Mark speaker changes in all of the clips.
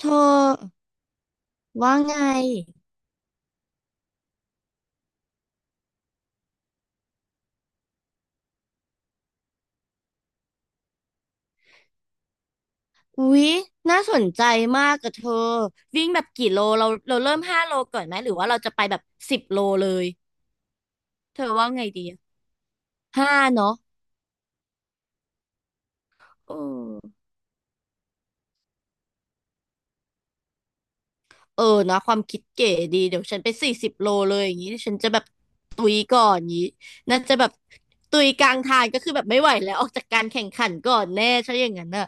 Speaker 1: เธอว่าไงอุ๊ยน่าสนใจมากกับเธอวิ่งแบบกี่โลเราเริ่มห้าโลก่อนไหมหรือว่าเราจะไปแบบสิบโลเลยเธอว่าไงดีอะห้าเนาะเออเออเนอะความคิดเก๋ดีเดี๋ยวฉันไป40 โลเลยอย่างนี้ฉันจะแบบตุยก่อนอย่างนี้น่าจะแบบตุยกลางทางก็คือแบบไม่ไหวแล้วออกจากการแข่งขันก่อนแน่ใช่อย่างนั้นอะ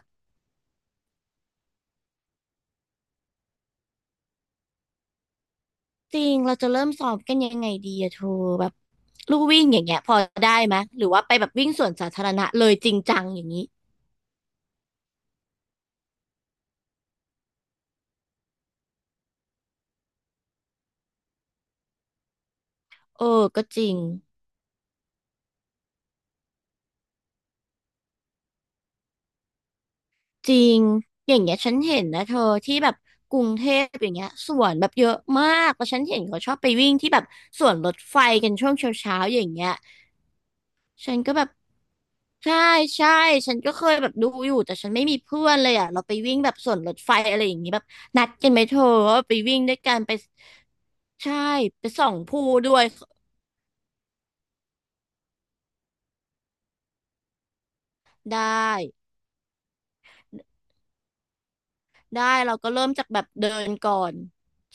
Speaker 1: จริง เราจะเริ่มสอบกันยังไงดีอะเธอแบบลู่วิ่งอย่างเงี้ยพอได้ไหมยหรือว่าไปแบบวิ่งสวนสาธารณะเลยจริงจังอย่างนี้เออก็จริงจริงอย่างเงี้ยฉันเห็นนะเธอที่แบบกรุงเทพอย่างเงี้ยสวนแบบเยอะมากแล้วฉันเห็นเขาชอบไปวิ่งที่แบบสวนรถไฟกันช่วงเช้าๆอย่างเงี้ย ฉันก็แบบใช่ใช่ฉันก็เคยแบบดูอยู่แต่ฉันไม่มีเพื่อนเลยอ่ะเราไปวิ่งแบบสวนรถไฟอะไรอย่างงี้แบบนัดกันไหมเธอว่าไปวิ่งด้วยกันไปใช่ไปส่องผู้ด้วยได้ ได้เราก็เริ่มจากแบบเดินก่อน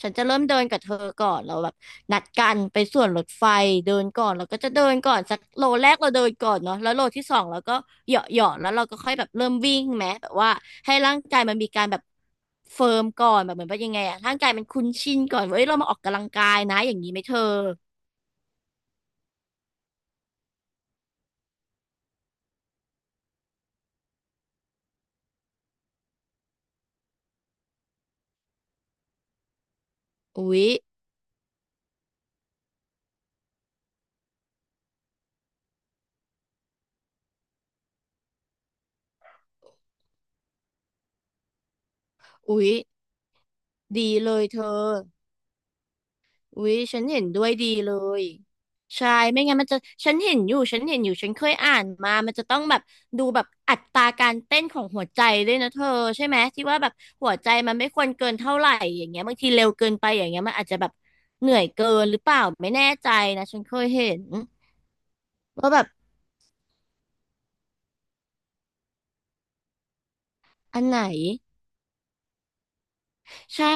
Speaker 1: ฉันจะเริ่มเดินกับเธอก่อนเราแบบนัดกันไปส่วนรถไฟเดินก่อนเราก็จะเดินก่อนสักโลแรกเราเดินก่อนเนาะแล้วโลที่สองเราก็เหยาะเหยาะแล้วเราก็ค่อยแบบเริ่มวิ่งแม้แบบว่าให้ร่างกายมันมีการแบบเฟิร์มก่อนแบบเหมือนว่ายังไงอะร่างกายมันคุ้นชินก่อนว่าเอ้ยเรามาออกกำลังกายนะอย่างนี้ไหมเธออุ๊ยอุ๊ยดีเลยเธอ อุ๊ยฉันเห็นด้วยดีเลยใช่ไม่งั้นมันจะฉันเห็นอยู่ฉันเห็นอยู่ฉันเคยอ่านมามันจะต้องแบบดูแบบอัตราการเต้นของหัวใจด้วยนะเธอใช่ไหมที่ว่าแบบหัวใจมันไม่ควรเกินเท่าไหร่อย่างเงี้ยบางทีเร็วเกินไปอย่างเงี้ยมันอาจจะแบบเหนื่อยเกินหรือเปล่าไม่แน่ใจนะฉันเคยเห็นว่าแบบอันไหนใช่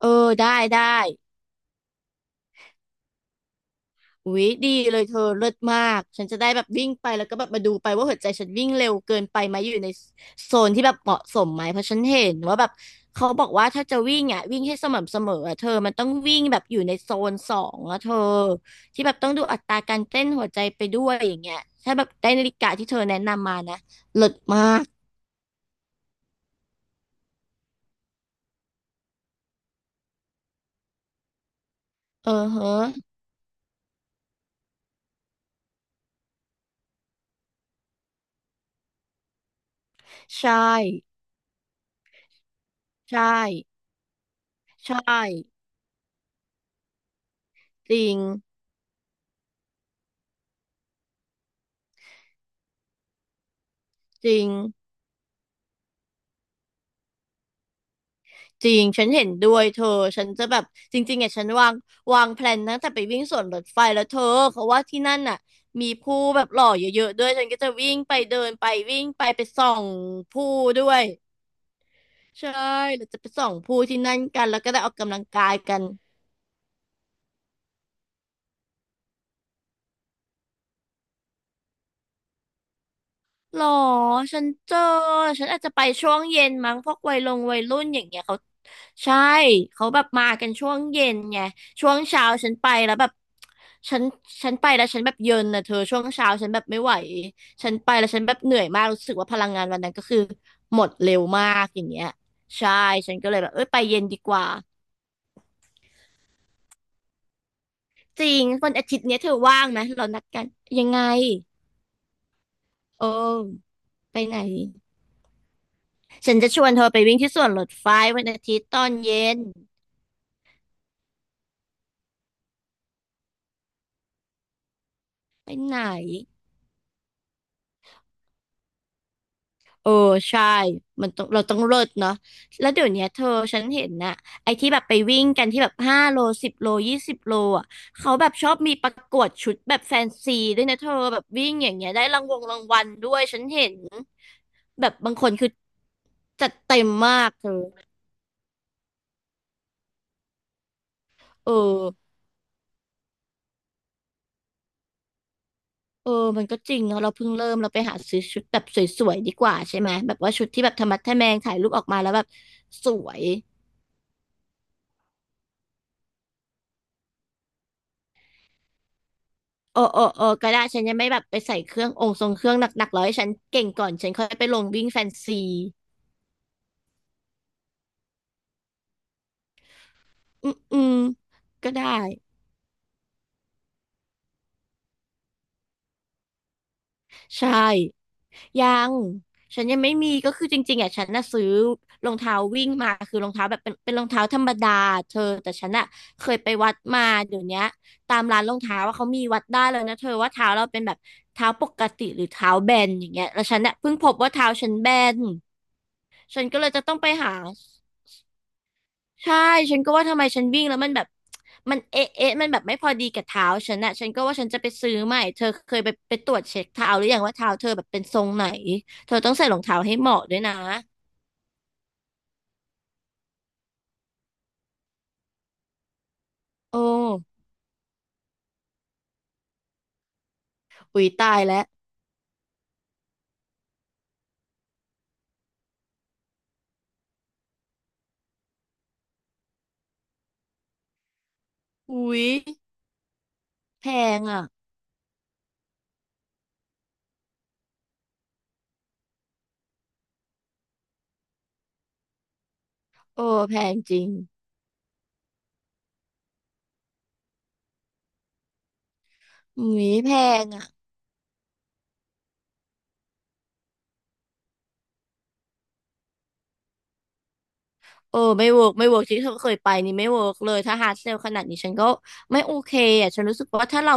Speaker 1: เออได้ได้ อุ๊ยดีเลยเธอเลิศมากฉันจะได้แบบวิ่งไปแล้วก็แบบมาดูไปว่าหัวใจฉันวิ่งเร็วเกินไปไหมอยู่ในโซนที่แบบเหมาะสมไหมเพราะฉันเห็นว่าแบบเขาบอกว่าถ้าจะวิ่งอ่ะวิ่งให้สม่ำเสมออ่ะเธอมันต้องวิ่งแบบอยู่ในโซน 2อ่ะเธอที่แบบต้องดูอัตราการเต้นหัวใจไปด้วยอย่างเงี้ยถ้าแบบได้นาฬิกาที่เธอแนะนำมานะเลิศมากเออเฮะใช่ใช่ใช่จริงจริง จริง ฉันเห็นด้วยเธอฉันจะแบบจริงๆอ่ะฉันวางแพลนตั้งแต่ไปวิ่งสวนรถไฟแล้วเธอเขาว่าที่นั่นน่ะมีผู้แบบหล่อเยอะๆด้วยฉันก็จะวิ่งไปเดินไปวิ่งไปไปส่องผู้ด้วยใช่เราจะไปส่องผู้ที่นั่นกันแล้วก็ได้ออกกำลังกายกันหรอฉันเจอฉันอาจจะไปช่วงเย็นมั้งพวกวัยลงวัยรุ่นอย่างเงี้ยเขา ใช่เขาแบบมากันช่วงเย็นไงช่วงเช้าฉันไปแล้วแบบฉันฉันไปแล้วฉันแบบเย็นนะเธอช่วงเช้าฉันแบบไม่ไหวฉันไปแล้วฉันแบบเหนื่อยมากรู้สึกว่าพลังงานวันนั้นก็คือหมดเร็วมากอย่างเงี้ยใช่ฉันก็เลยแบบเอ้ยไปเย็นดีกว่าจริงวันอาทิตย์เนี้ยเธอว่างไหมเรานัดกันยังไงโออไปไหนฉันจะชวนเธอไปวิ่งที่สวนรถไฟวันอาทิตย์ตอนเย็นไปไหน เออใช่มันต้องเราต้องเลิศเนาะแล้วเดี๋ยวเนี้ยเธอฉันเห็นนะไอ้ที่แบบไปวิ่งกันที่แบบห้าโลสิบโล20 โลอ่ะเขาแบบชอบมีประกวดชุดแบบแฟนซีด้วยนะเธอแบบวิ่งอย่างเงี้ยได้รางวงรางวัลด้วยฉันเห็นแบบบางคนคือจัดเต็มมากเธอเออเออมันก็จริงเนาะเราเพิ่งเริ่มเราไปหาซื้อชุดแบบสวยๆดีกว่าใช่ไหมแบบว่าชุดที่แบบธรรมะแทะแมงถ่ายรูปออกมาแล้วแบบสวย เออเออเออก็ได้ฉันยังไม่แบบไปใส่เครื่ององค์ทรงเครื่องหนักๆแล้วให้ฉันเก่งก่อนฉันค่อยไปลงวิ่งแฟนซีอืมอืมก็ได้ใช่ยังฉันยังไม่มีก็คือจริงๆอ่ะฉันน่ะซื้อรองเท้าวิ่งมาคือรองเท้าแบบเป็นรองเท้าธรรมดาเธอแต่ฉันอ่ะเคยไปวัดมาเดี๋ยวเนี้ยตามร้านรองเท้าว่าเขามีวัดได้เลยนะเธอว่าเท้าเราเป็นแบบเท้าปกติหรือเท้าแบนอย่างเงี้ยแล้วฉันน่ะเพิ่งพบว่าเท้าฉันแบนฉันก็เลยจะต้องไปหา ใช่ฉันก็ว่าทำไมฉันวิ่งแล้วมันแบบมันเอ๊ะเอ๊ะมันแบบไม่พอดีกับเท้าฉันอะฉันก็ว่าฉันจะไปซื้อใหม่เธอเคยไปตรวจเช็คเท้าหรือยังว่าเท้าเธอแบบเป็นทรงไหนเธอต้องใส่รองเท้าให้เหมาะด้วยนะโอ้อุ๊ยตายแล้วอุ๊ยแพงอะโอ้แพงจริงอุ๊ยแพงอะ เออไม่เวิร์กไม่เวิร์กที่เธอเคยไปนี่ไม่เวิร์กเลยถ้าฮาร์ดเซลขนาดนี้ฉันก็ไม่โอเคอ่ะฉันรู้สึกว่าถ้าเรา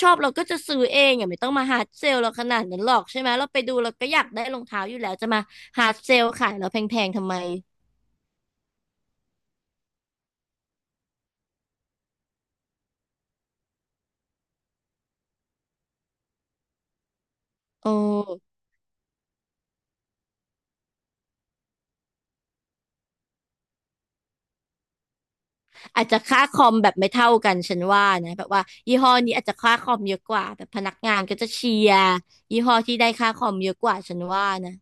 Speaker 1: ชอบเราก็จะซื้อเองอ่ะไม่ต้องมาฮาร์ดเซลเราขนาดนั้นหรอกใช่ไหมเราไปดูเราก็อยากได้รองเท้าอยู่แล้วจะมาฮาร์ดเซลขายเราแพงๆทำไมเอออาจจะค่าคอมแบบไม่เท่ากันฉันว่านะแบบว่ายี่ห้อนี้อาจจะค่าคอมเยอะกว่าแบบพนักงานก็จะเชียร์ยี่ห้อที่ได้ค่าคอมเยอะกว่าฉันว่านะ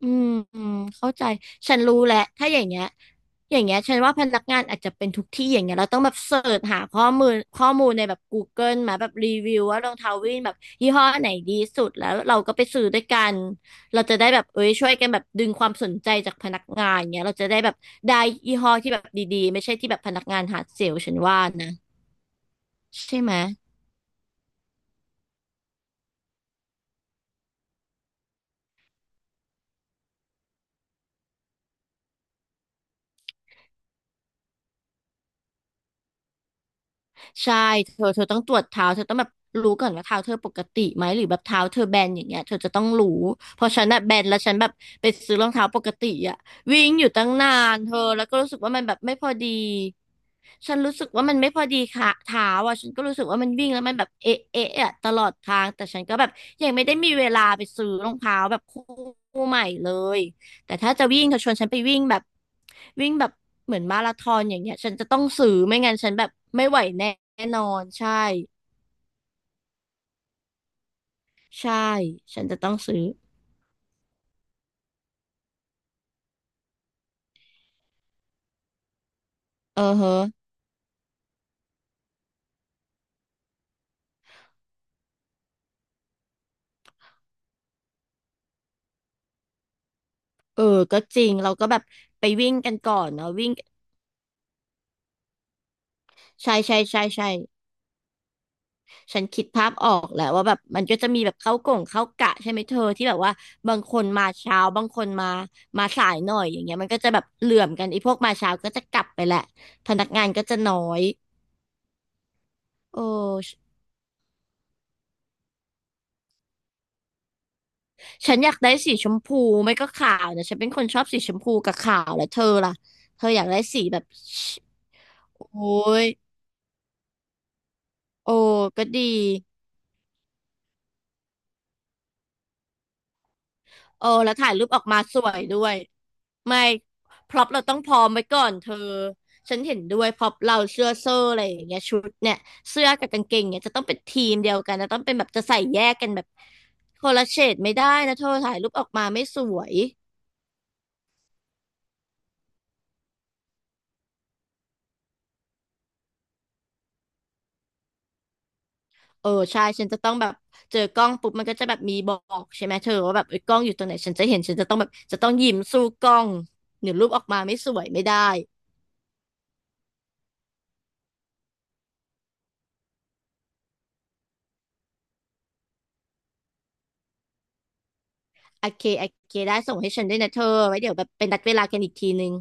Speaker 1: อืมอืมเข้าใจฉันรู้แหละถ้าอย่างเงี้ยอย่างเงี้ยฉันว่าพนักงานอาจจะเป็นทุกที่อย่างเงี้ยเราต้องแบบเสิร์ชหาข้อมูลในแบบ Google มาแบบรีวิวว่ารองเท้าวิ่งแบบยี่ห้อไหนดีสุดแล้วเราก็ไปซื้อด้วยกันเราจะได้แบบเอ้ยช่วยกันแบบดึงความสนใจจากพนักงานเงี้ยเราจะได้แบบได้ยี่ห้อที่แบบดีๆไม่ใช่ที่แบบพนักงานหาเซลล์ฉันว่านะใช่ไหม ใช่เธอต้องตรวจเท้าเธอต้องแบบรู้ก่อนว่าเท้าเธอปกติไหมหรือแบบเท้าเธอแบนอย่างเงี้ยเธอจะต้องรู้เพราะฉันอะแบนแล้วฉันแบบไปซื้อรองเท้าปกติอะวิ่งอยู่ตั้งนานเธอแล้วก็รู้สึกว่ามันแบบไม่พอดีฉันรู้สึกว่ามันไม่พอดีค่ะเท้าอ่ะฉันก็รู้สึกว่ามันวิ่งแล้วมันแบบเอะเอะอะตลอดทางแต่ฉันก็แบบยังไม่ได้มีเวลาไปซื้อรองเท้าแบบคู่ใหม่เลย แต่ถ้าจะวิ่งเธอชวนฉันไปวิ่งแบบวิ่งแบบเหมือนมาราธอนอย่างเงี้ยฉันจะต้องซื้อไม่งั้นฉันแบบไม่ไหวแน่นอนใช่ใช่ฉันจะต้องซื้อเออเฮะเออก็จริงเราก็แบบไปวิ่งกันก่อนเนาะวิ่งใช่ใช่ใช่ใช่ฉันคิดภาพออกแหละว่าแบบมันก็จะมีแบบเข้ากล่งเข้ากะใช่ไหมเธอที่แบบว่าบางคนมาเช้าบางคนมามาสายหน่อยอย่างเงี้ยมันก็จะแบบเหลื่อมกันไอ้พวกมาเช้าก็จะกลับไปแหละพนักงานก็จะน้อยเออ ฉันอยากได้สีชมพูไม่ก็ขาวเนี่ยฉันเป็นคนชอบสีชมพูกับขาวแล้วเธอล่ะเธออยากได้สีแบบโอ้ยโอ้ก็ดีโอ้แล้วถ่ายรูปออกมาสวยด้วยไม่พร็อพเราต้องพร้อมไว้ก่อนเธอฉันเห็นด้วยพร็อพเราเสื้อเซอร์อะไรอย่างเงี้ยชุดเนี่ยเสื้อกับกางเกงเนี่ยจะต้องเป็นทีมเดียวกันนะต้องเป็นแบบจะใส่แยกกันแบบคนละเฉดไม่ได้นะเธอถ่ายรูปออกมาไม่สวย เออใช่ฉันจะต้องแบบเจอกล้องปุ๊บมันก็จะแบบมีบอกใช่ไหมเธอว่าแบบเอ้ยกล้องอยู่ตรงไหนฉันจะเห็นฉันจะต้องแบบจะต้องยิ้มสู้กล้องเดี๋ยรูปออกมาไม่สวยไม่ได้โอเคโอเคได้ส่งให้ฉันด้วยนะเธอไว้เดี๋ยวแบบเป็นนัดเวลากันอีกทีนึง